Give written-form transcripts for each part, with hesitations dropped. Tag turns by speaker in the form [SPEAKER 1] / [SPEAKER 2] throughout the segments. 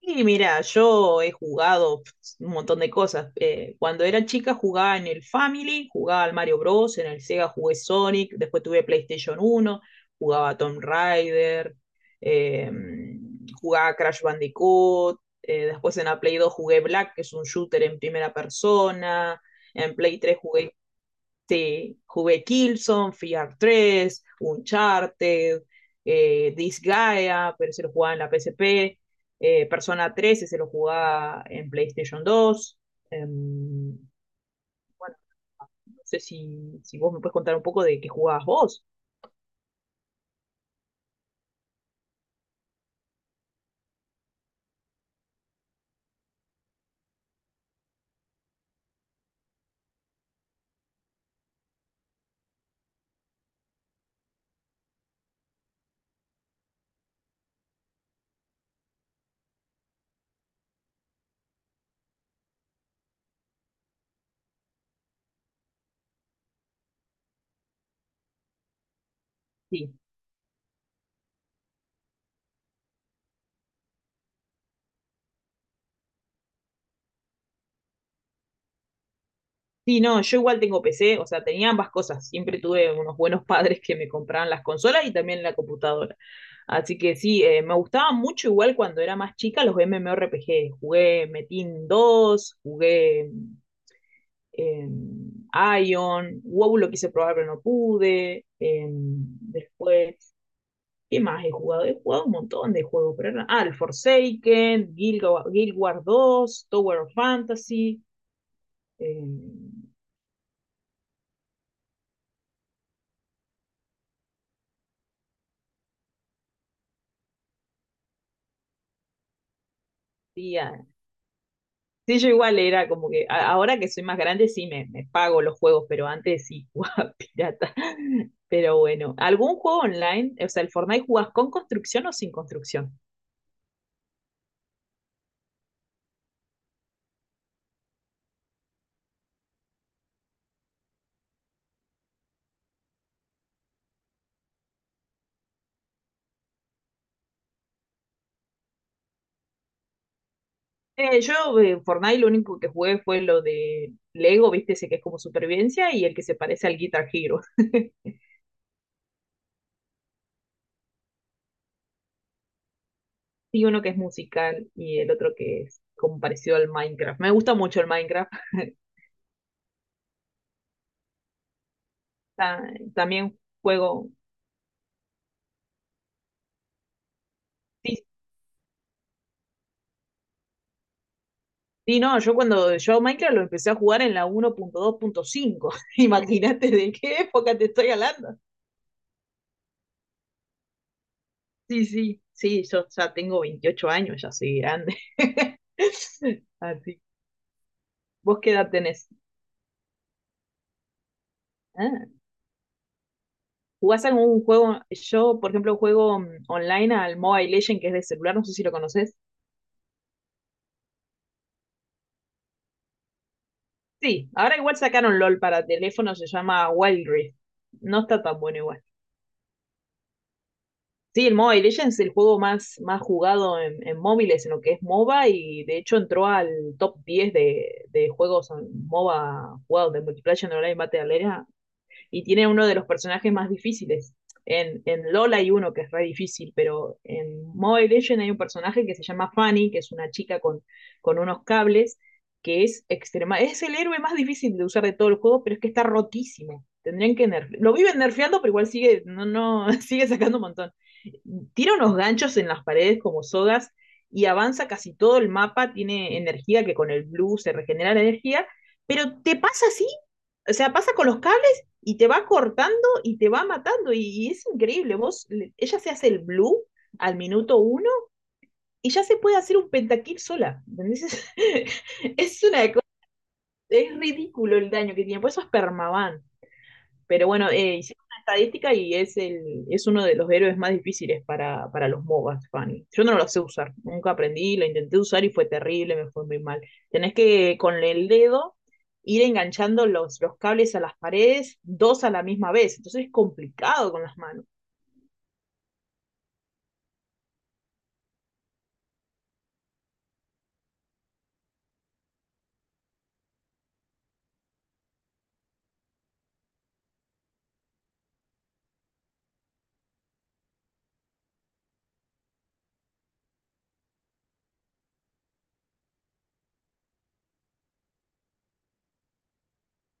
[SPEAKER 1] Y mira, yo he jugado pues, un montón de cosas. Cuando era chica jugaba en el Family, jugaba al Mario Bros, en el Sega jugué Sonic, después tuve PlayStation uno, jugaba a Tomb Raider, eh, jugaba a Crash Bandicoot, después en la Play 2 jugué Black, que es un shooter en primera persona. En Play 3 jugué jugué Killzone, Fear 3, Uncharted, Disgaea, pero se lo jugaba en la PSP. Persona tres se lo jugaba en PlayStation 2. Bueno, no sé si vos me puedes contar un poco de qué jugabas vos. Sí. Sí, no, yo igual tengo PC, o sea, tenía ambas cosas. Siempre tuve unos buenos padres que me compraban las consolas y también la computadora. Así que sí, me gustaba mucho igual cuando era más chica los MMORPG. Jugué Metin 2, jugué eh, Ion. WoW lo quise probar pero no pude. Después, ¿qué más he jugado? He jugado un montón de juegos, pero el Forsaken, Guild Wars 2, Tower of Fantasy. eh, sí, sí, yo igual era como que ahora que soy más grande sí me pago los juegos, pero antes sí jugaba pirata. Pero bueno, ¿algún juego online? O sea, ¿el Fortnite jugás con construcción o sin construcción? Yo en Fortnite lo único que jugué fue lo de Lego, viste, ese que es como supervivencia y el que se parece al Guitar Hero. Y uno que es musical y el otro que es como parecido al Minecraft. Me gusta mucho el Minecraft. Ta- También juego, sí, sí, no, yo cuando yo Minecraft lo empecé a jugar en la 1.2.5. Imagínate de qué época te estoy hablando. Sí, sí, sí, yo ya tengo 28 años, ya soy grande. Así. ¿Vos qué edad tenés? Ah, ¿jugás algún juego? Yo, por ejemplo, juego online al Mobile Legend, que es de celular, no sé si lo conoces. Sí, ahora igual sacaron LOL para teléfono, se llama Wild Rift. No está tan bueno igual. Sí, el Mobile Legends es el juego más jugado en, móviles, en lo que es MOBA, y de hecho entró al top 10 de juegos en MOBA jugados de multiplayer en online Battle Arena, y tiene uno de los personajes más difíciles. en LOL hay uno que es re difícil, pero en Mobile Legends hay un personaje que se llama Fanny, que es una chica con unos cables, que es extrema. Es el héroe más difícil de usar de todo el juego, pero es que está rotísimo. Lo viven nerfeando, pero igual sigue, no, no, sigue sacando un montón. Tira unos ganchos en las paredes como sogas y avanza casi todo el mapa. Tiene energía que con el blue se regenera la energía, pero te pasa así. O sea, pasa con los cables y te va cortando y te va matando y es increíble. Vos, ella se hace el blue al minuto uno y ya se puede hacer un pentakill sola. ¿Entendés? Es una cosa, es ridículo el daño que tiene, por eso es permaban. Pero bueno, hicieron una estadística y es, el, es uno de los héroes más difíciles para los MOBAs, Fanny. Yo no lo sé usar, nunca aprendí, lo intenté usar y fue terrible, me fue muy mal. Tenés que con el dedo ir enganchando los cables a las paredes, dos a la misma vez, entonces es complicado con las manos.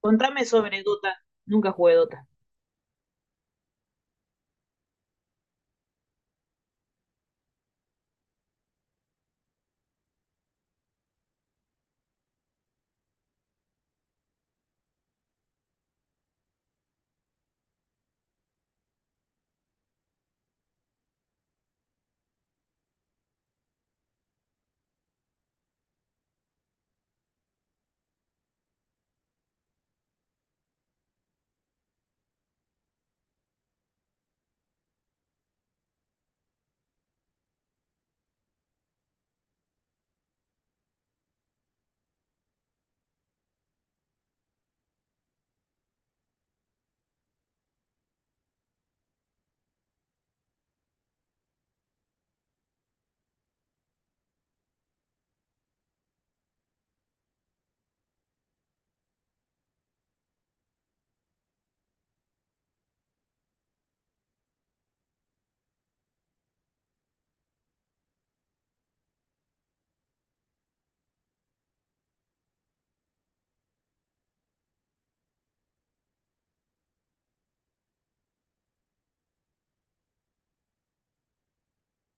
[SPEAKER 1] Contame sobre Dota, nunca jugué Dota.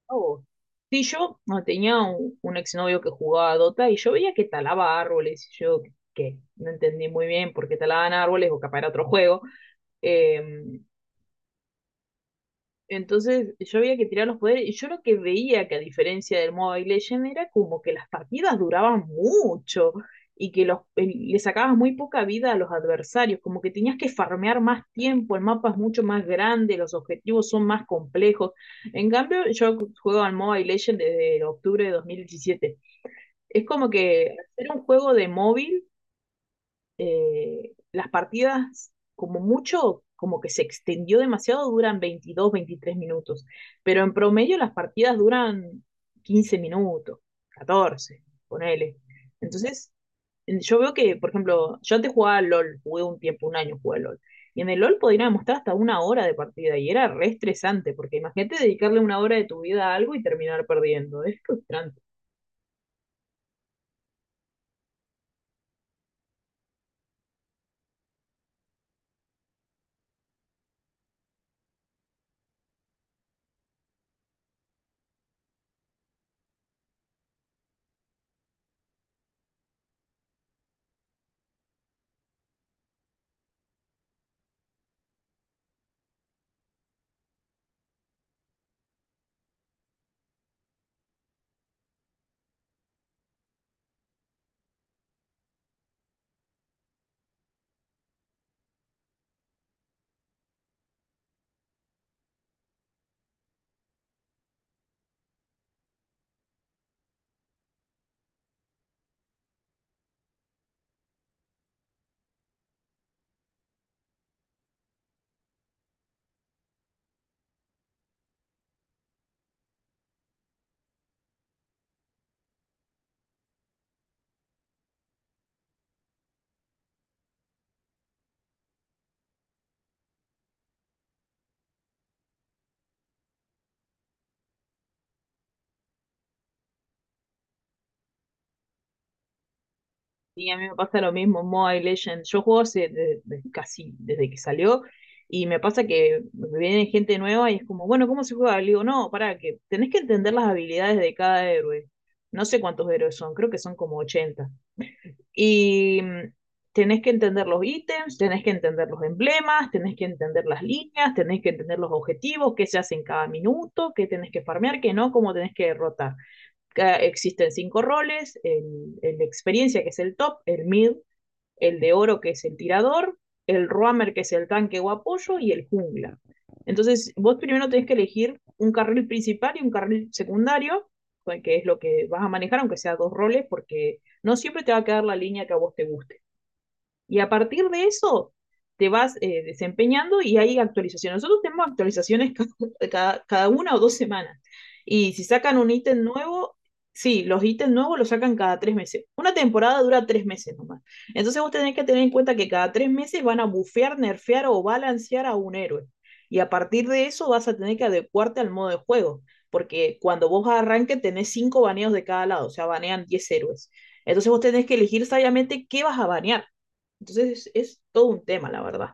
[SPEAKER 1] Oh. Sí, yo no, tenía un exnovio que jugaba a Dota y yo veía que talaba árboles, y yo que no entendí muy bien por qué talaban árboles, o capaz era otro juego. Em, entonces yo había que tirar los poderes, y yo lo que veía que a diferencia del Mobile Legend era como que las partidas duraban mucho, y que le sacabas muy poca vida a los adversarios, como que tenías que farmear más tiempo, el mapa es mucho más grande, los objetivos son más complejos. En cambio, yo juego al Mobile Legend desde octubre de 2017. Es como que hacer un juego de móvil, las partidas, como mucho, como que se extendió demasiado, duran 22 23 minutos, pero en promedio las partidas duran 15 minutos, 14 ponele. Entonces, yo veo que, por ejemplo, yo antes jugaba al LOL, jugué un tiempo, un año jugué al LOL. Y en el LOL podían demostrar hasta una hora de partida y era re estresante, porque imagínate dedicarle una hora de tu vida a algo y terminar perdiendo. Es frustrante. Y a mí me pasa lo mismo, Mobile Legends. Yo juego hace casi desde que salió, y me pasa que viene gente nueva y es como, bueno, ¿cómo se juega? Le digo, no, pará, que tenés que entender las habilidades de cada héroe. No sé cuántos héroes son, creo que son como 80. Y tenés que entender los ítems, tenés que entender los emblemas, tenés que entender las líneas, tenés que entender los objetivos, qué se hace en cada minuto, qué tenés que farmear, qué no, cómo tenés que derrotar. Existen cinco roles, el de experiencia que es el top, el mid, el de oro, que es el tirador, el roamer, que es el tanque o apoyo, y el jungla. Entonces, vos primero tenés que elegir un carril principal y un carril secundario, que es lo que vas a manejar, aunque sea dos roles, porque no siempre te va a quedar la línea que a vos te guste. Y a partir de eso te vas desempeñando, y hay actualizaciones. Nosotros tenemos actualizaciones cada una o dos semanas. Y si sacan un ítem nuevo, sí, los ítems nuevos los sacan cada 3 meses. Una temporada dura 3 meses nomás. Entonces vos tenés que tener en cuenta que cada 3 meses van a bufear, nerfear o balancear a un héroe. Y a partir de eso vas a tener que adecuarte al modo de juego. Porque cuando vos arranques tenés cinco baneos de cada lado, o sea, banean 10 héroes. Entonces vos tenés que elegir sabiamente qué vas a banear. Entonces es todo un tema, la verdad.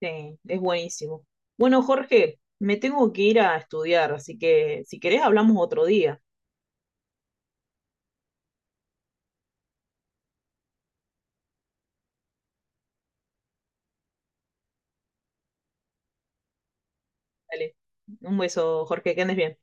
[SPEAKER 1] Sí, es buenísimo. Bueno, Jorge, me tengo que ir a estudiar, así que si querés hablamos otro día. Dale. Un beso, Jorge, que andes bien.